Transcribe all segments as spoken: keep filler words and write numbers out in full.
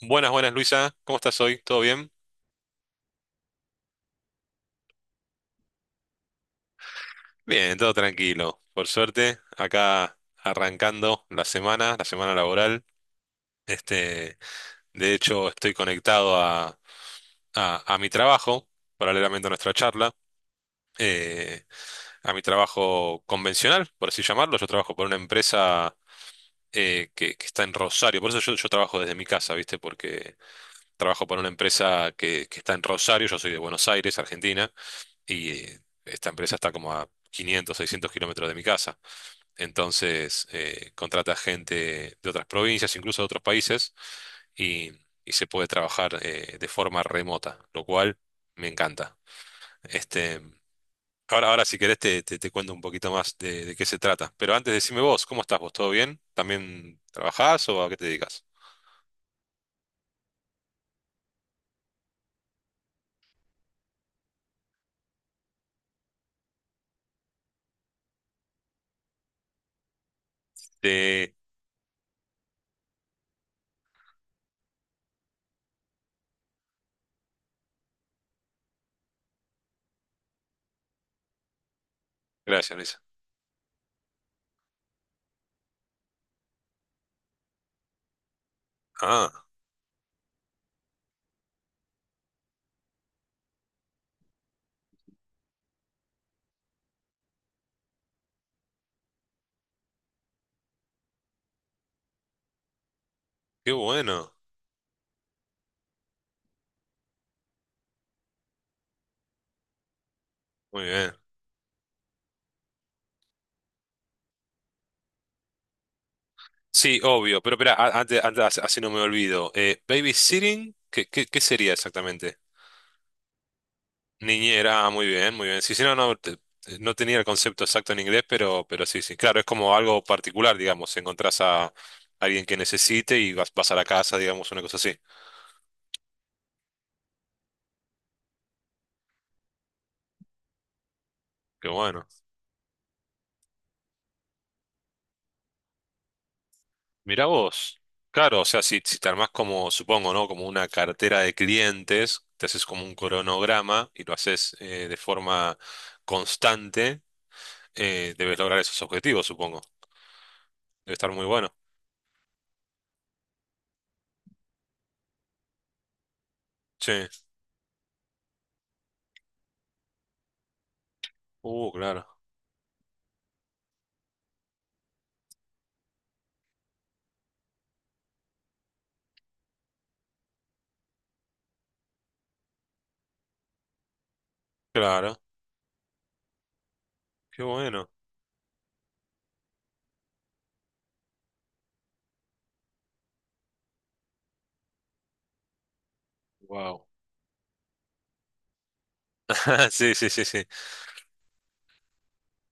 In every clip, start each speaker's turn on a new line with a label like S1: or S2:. S1: Buenas, buenas Luisa, ¿cómo estás hoy? ¿Todo bien? Bien, todo tranquilo, por suerte, acá arrancando la semana, la semana laboral. Este, de hecho, estoy conectado a, a- a mi trabajo, paralelamente a nuestra charla, eh, a mi trabajo convencional, por así llamarlo. Yo trabajo por una empresa eh, que, que está en Rosario, por eso yo, yo trabajo desde mi casa, ¿viste? Porque trabajo por una empresa que, que está en Rosario, yo soy de Buenos Aires, Argentina. y eh, esta empresa está como a quinientos, seiscientos kilómetros de mi casa. Entonces, eh, contrata gente de otras provincias, incluso de otros países, y, y se puede trabajar eh, de forma remota, lo cual me encanta. Este, ahora, ahora, si querés, te, te- te cuento un poquito más de, de qué se trata. Pero antes, decime vos, ¿cómo estás vos? ¿Todo bien? ¿También trabajás o a qué te dedicas? Sí, gracias, Luisa. Ah, qué bueno. Muy bien. Sí, obvio, pero espera, a- antes, antes- así no me olvido. Eh, babysitting, ¿qué, qué, qué sería exactamente? Niñera, ah, muy bien, muy bien. Sí, sí, no, no, te- te- no tenía el concepto exacto en inglés, pero, pero sí, sí. Claro, es como algo particular, digamos. Encontrás a alguien que necesite y vas, vas a la casa, digamos, una cosa así. Qué bueno. Mirá vos. Claro, o sea, si, si te armás como, supongo, ¿no? Como una cartera de clientes, te haces como un cronograma y lo haces eh, de forma constante, eh, debes lograr esos objetivos, supongo. Debe estar muy bueno. Sí. Uh, claro. Claro. Qué bueno. Wow. Sí, sí, sí, sí.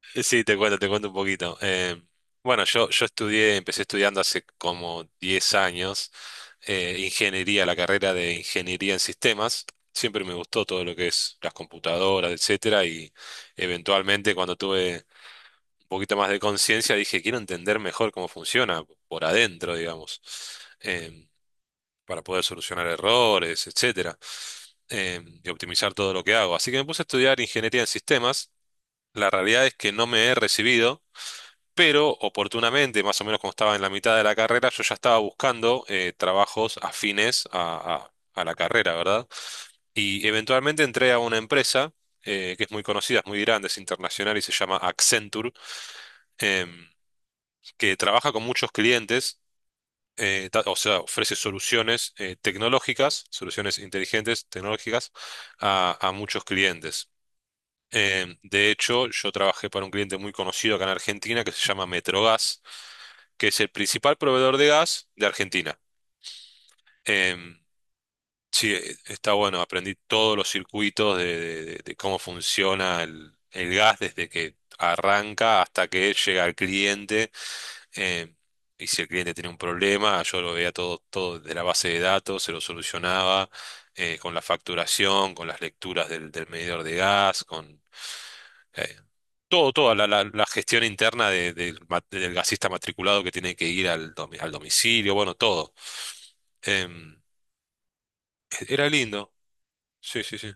S1: Sí, te cuento, te cuento un poquito. Eh, bueno, yo, yo estudié, empecé estudiando hace como diez años eh, ingeniería, la carrera de ingeniería en sistemas. Siempre me gustó todo lo que es las computadoras, etcétera, y eventualmente cuando tuve un poquito más de conciencia dije, quiero entender mejor cómo funciona por adentro, digamos. Em, para poder solucionar errores, etcétera, eh, y optimizar todo lo que hago. Así que me puse a estudiar ingeniería en sistemas. La realidad es que no me he recibido, pero oportunamente, más o menos como estaba en la mitad de la carrera, yo ya estaba buscando eh, trabajos afines a, a- a la carrera, ¿verdad? Y eventualmente entré a una empresa eh, que es muy conocida, es muy grande, es internacional y se llama Accenture, em, que trabaja con muchos clientes eh, ta- o sea, ofrece soluciones eh, tecnológicas, soluciones inteligentes, tecnológicas, a, a muchos clientes. Eh, de hecho, yo trabajé para un cliente muy conocido acá en Argentina que se llama Metrogas, que es el principal proveedor de gas de Argentina. Em, sí, eh, está bueno, aprendí todos los circuitos de, de- de- de cómo funciona el, el gas desde que arranca hasta que llega al cliente eh, y si el cliente tenía un problema, yo lo veía todo, todo desde la base de datos, se lo solucionaba eh, con la facturación, con las lecturas del, del medidor de gas, con eh, todo, toda la, la- la gestión interna de- del ma- del gasista matriculado que tiene que ir al, domi- al domicilio, bueno, todo. Em, e, era lindo. Sí, sí, sí.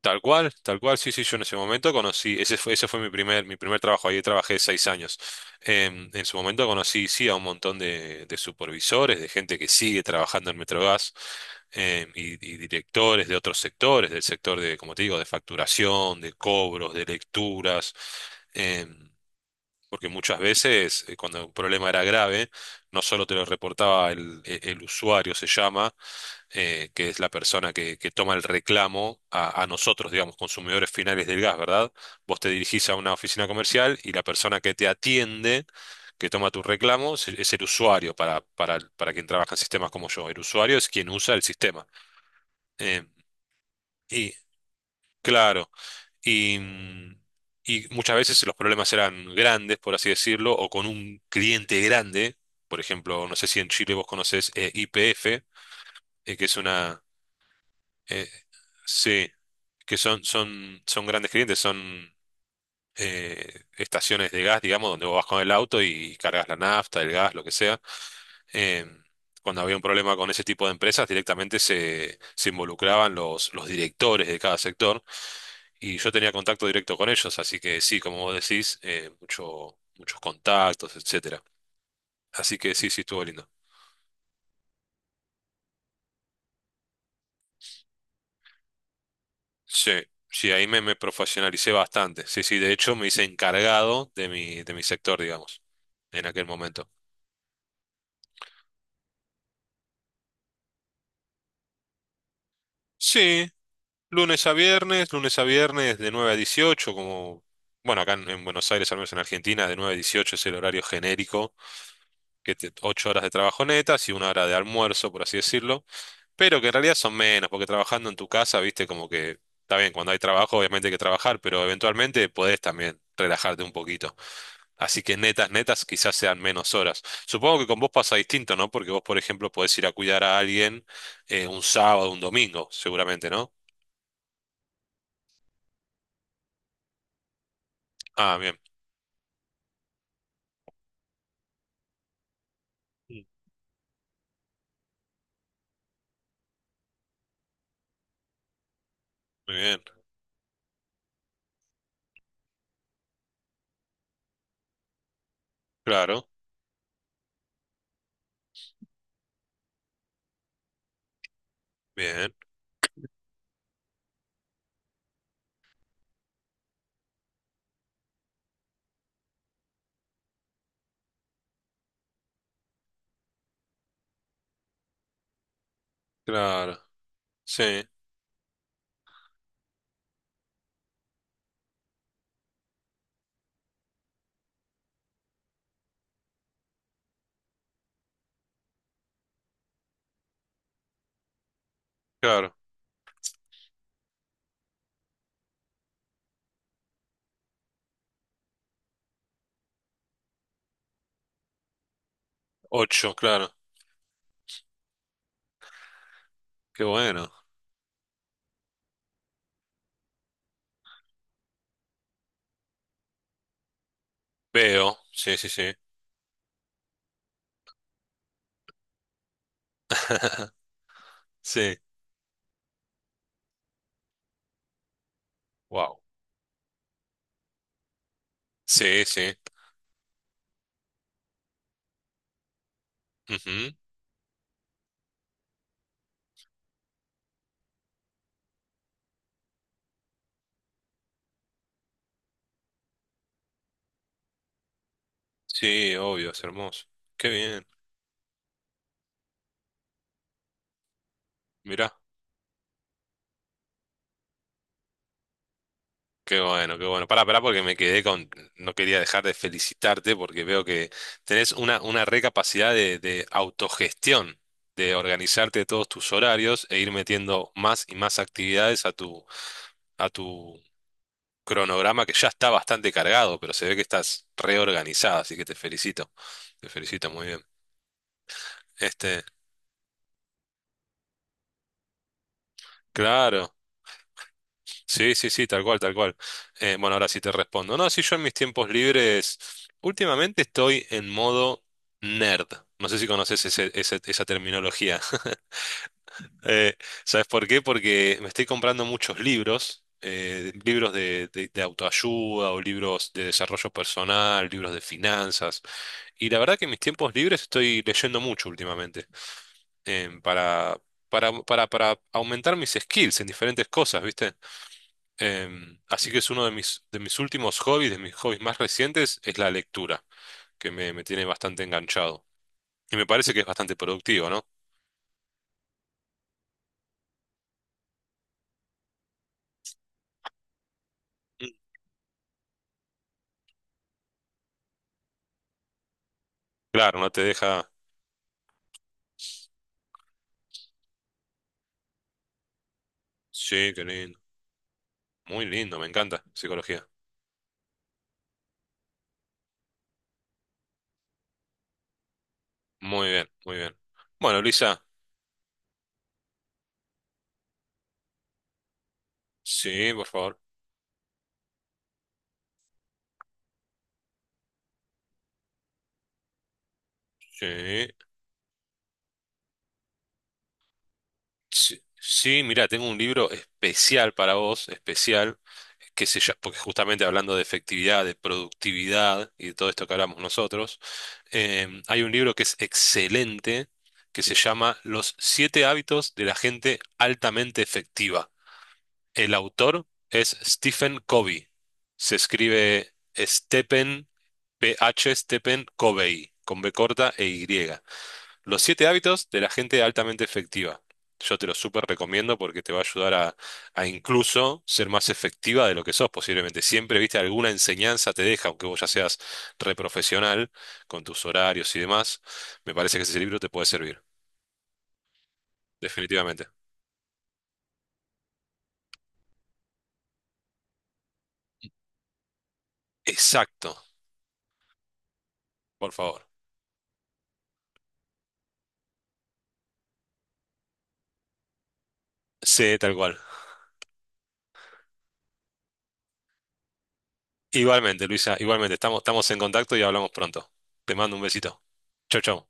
S1: Tal cual, tal cual, sí, sí, yo en ese momento conocí, ese fue, ese fue mi primer, mi primer trabajo, ahí trabajé seis años. Em, en su momento conocí, sí, a un montón de, de supervisores, de gente que sigue trabajando en Metrogas, em, y, y directores de otros sectores, del sector de, como te digo, de facturación, de cobros, de lecturas, em, porque muchas veces eh, cuando un problema era grave, no solo te lo reportaba el, el el usuario, se llama, eh, que es la persona que, que toma el reclamo a, a nosotros, digamos, consumidores finales del gas, ¿verdad? Vos te dirigís a una oficina comercial y la persona que te atiende, que toma tu reclamo, es, es el usuario para, para, para quien trabaja en sistemas como yo. El usuario es quien usa el sistema. Eh, y claro, y, mm, y muchas veces los problemas eran grandes, por así decirlo, o con un cliente grande. Por ejemplo, no sé si en Chile vos conocés Y P F, que es una... eh, sí, que son, son, son grandes clientes, son eh, estaciones de gas, digamos, donde vos vas con el auto y cargas la nafta, el gas, lo que sea. Eh, Cuando había un problema con ese tipo de empresas, directamente se, se involucraban los, los directores de cada sector y yo tenía contacto directo con ellos, así que sí, como vos decís, eh, mucho, muchos contactos, etcétera. Así que sí, sí, estuvo lindo. Sí, sí, ahí me, me profesionalicé bastante. Sí, sí, de hecho me hice encargado de mi, de mi sector, digamos, en aquel momento. Sí, lunes a viernes, lunes a viernes de nueve a dieciocho, como, bueno, acá en, en Buenos Aires, al menos en Argentina, de nueve a dieciocho es el horario genérico, que te, ocho horas de trabajo netas y una hora de almuerzo, por así decirlo, pero que en realidad son menos, porque trabajando en tu casa, viste, como que, está bien, cuando hay trabajo obviamente hay que trabajar, pero eventualmente podés también relajarte un poquito. Así que netas, netas quizás sean menos horas. Supongo que con vos pasa distinto, ¿no? Porque vos, por ejemplo, podés ir a cuidar a alguien eh, un sábado, un domingo, seguramente, ¿no? Ah, bien. Mm. Muy bien, claro, bien, claro, sí, claro, ocho, claro, qué bueno, veo, sí, sí, sí, sí, wow, sí, sí, ujú, Sí, obvio, es hermoso, qué bien, mirá, qué bueno, qué bueno, pará, pará, porque me quedé con, no quería dejar de felicitarte porque veo que tenés una, una re capacidad de, de autogestión, de organizarte todos tus horarios e ir metiendo más y más actividades a tu, a tu, cronograma que ya está bastante cargado, pero se ve que estás reorganizada, así que te felicito. Te felicito muy bien. Este, claro. Sí, sí, sí, tal cual, tal cual. Eh, bueno, ahora sí te respondo. No, si yo en mis tiempos libres, últimamente estoy en modo nerd. No sé si conoces ese- ese- esa terminología. Eh, ¿Sabes por qué? Porque me estoy comprando muchos libros, eh, libros de, de- de autoayuda o libros de desarrollo personal, libros de finanzas. Y la verdad que en mis tiempos libres estoy leyendo mucho últimamente, em, para, para, para, para aumentar mis skills en diferentes cosas, ¿viste? Em, así que es uno de mis, de mis últimos hobbies, de mis hobbies más recientes, es la lectura, que me, me tiene bastante enganchado. Y me parece que es bastante productivo, ¿no? Mm. Claro, no te deja... Sí, qué lindo. Muy lindo, me encanta psicología. Muy bien, muy bien. Bueno, Luisa, sí, por favor. Sí. Sí, sí, mira, tengo un libro especial para vos, especial. qué sé yo, porque justamente hablando de efectividad, de productividad y de todo esto que hablamos nosotros, em, hay un libro que es excelente que se llama Los siete hábitos de la gente altamente efectiva. El autor es Stephen Covey. Se escribe Stephen, P H Stephen Covey, con B corta e Y. Los siete hábitos de la gente altamente efectiva. Yo te lo súper recomiendo porque te va a ayudar a, a incluso ser más efectiva de lo que sos posiblemente. Siempre, viste, alguna enseñanza te deja, aunque vos ya seas reprofesional con tus horarios y demás. Me parece que ese libro te puede servir, definitivamente. Exacto, por favor. Sí, tal cual. Igualmente, Luisa, igualmente. Estamos, estamos en contacto y hablamos pronto. Te mando un besito. Chau, chau.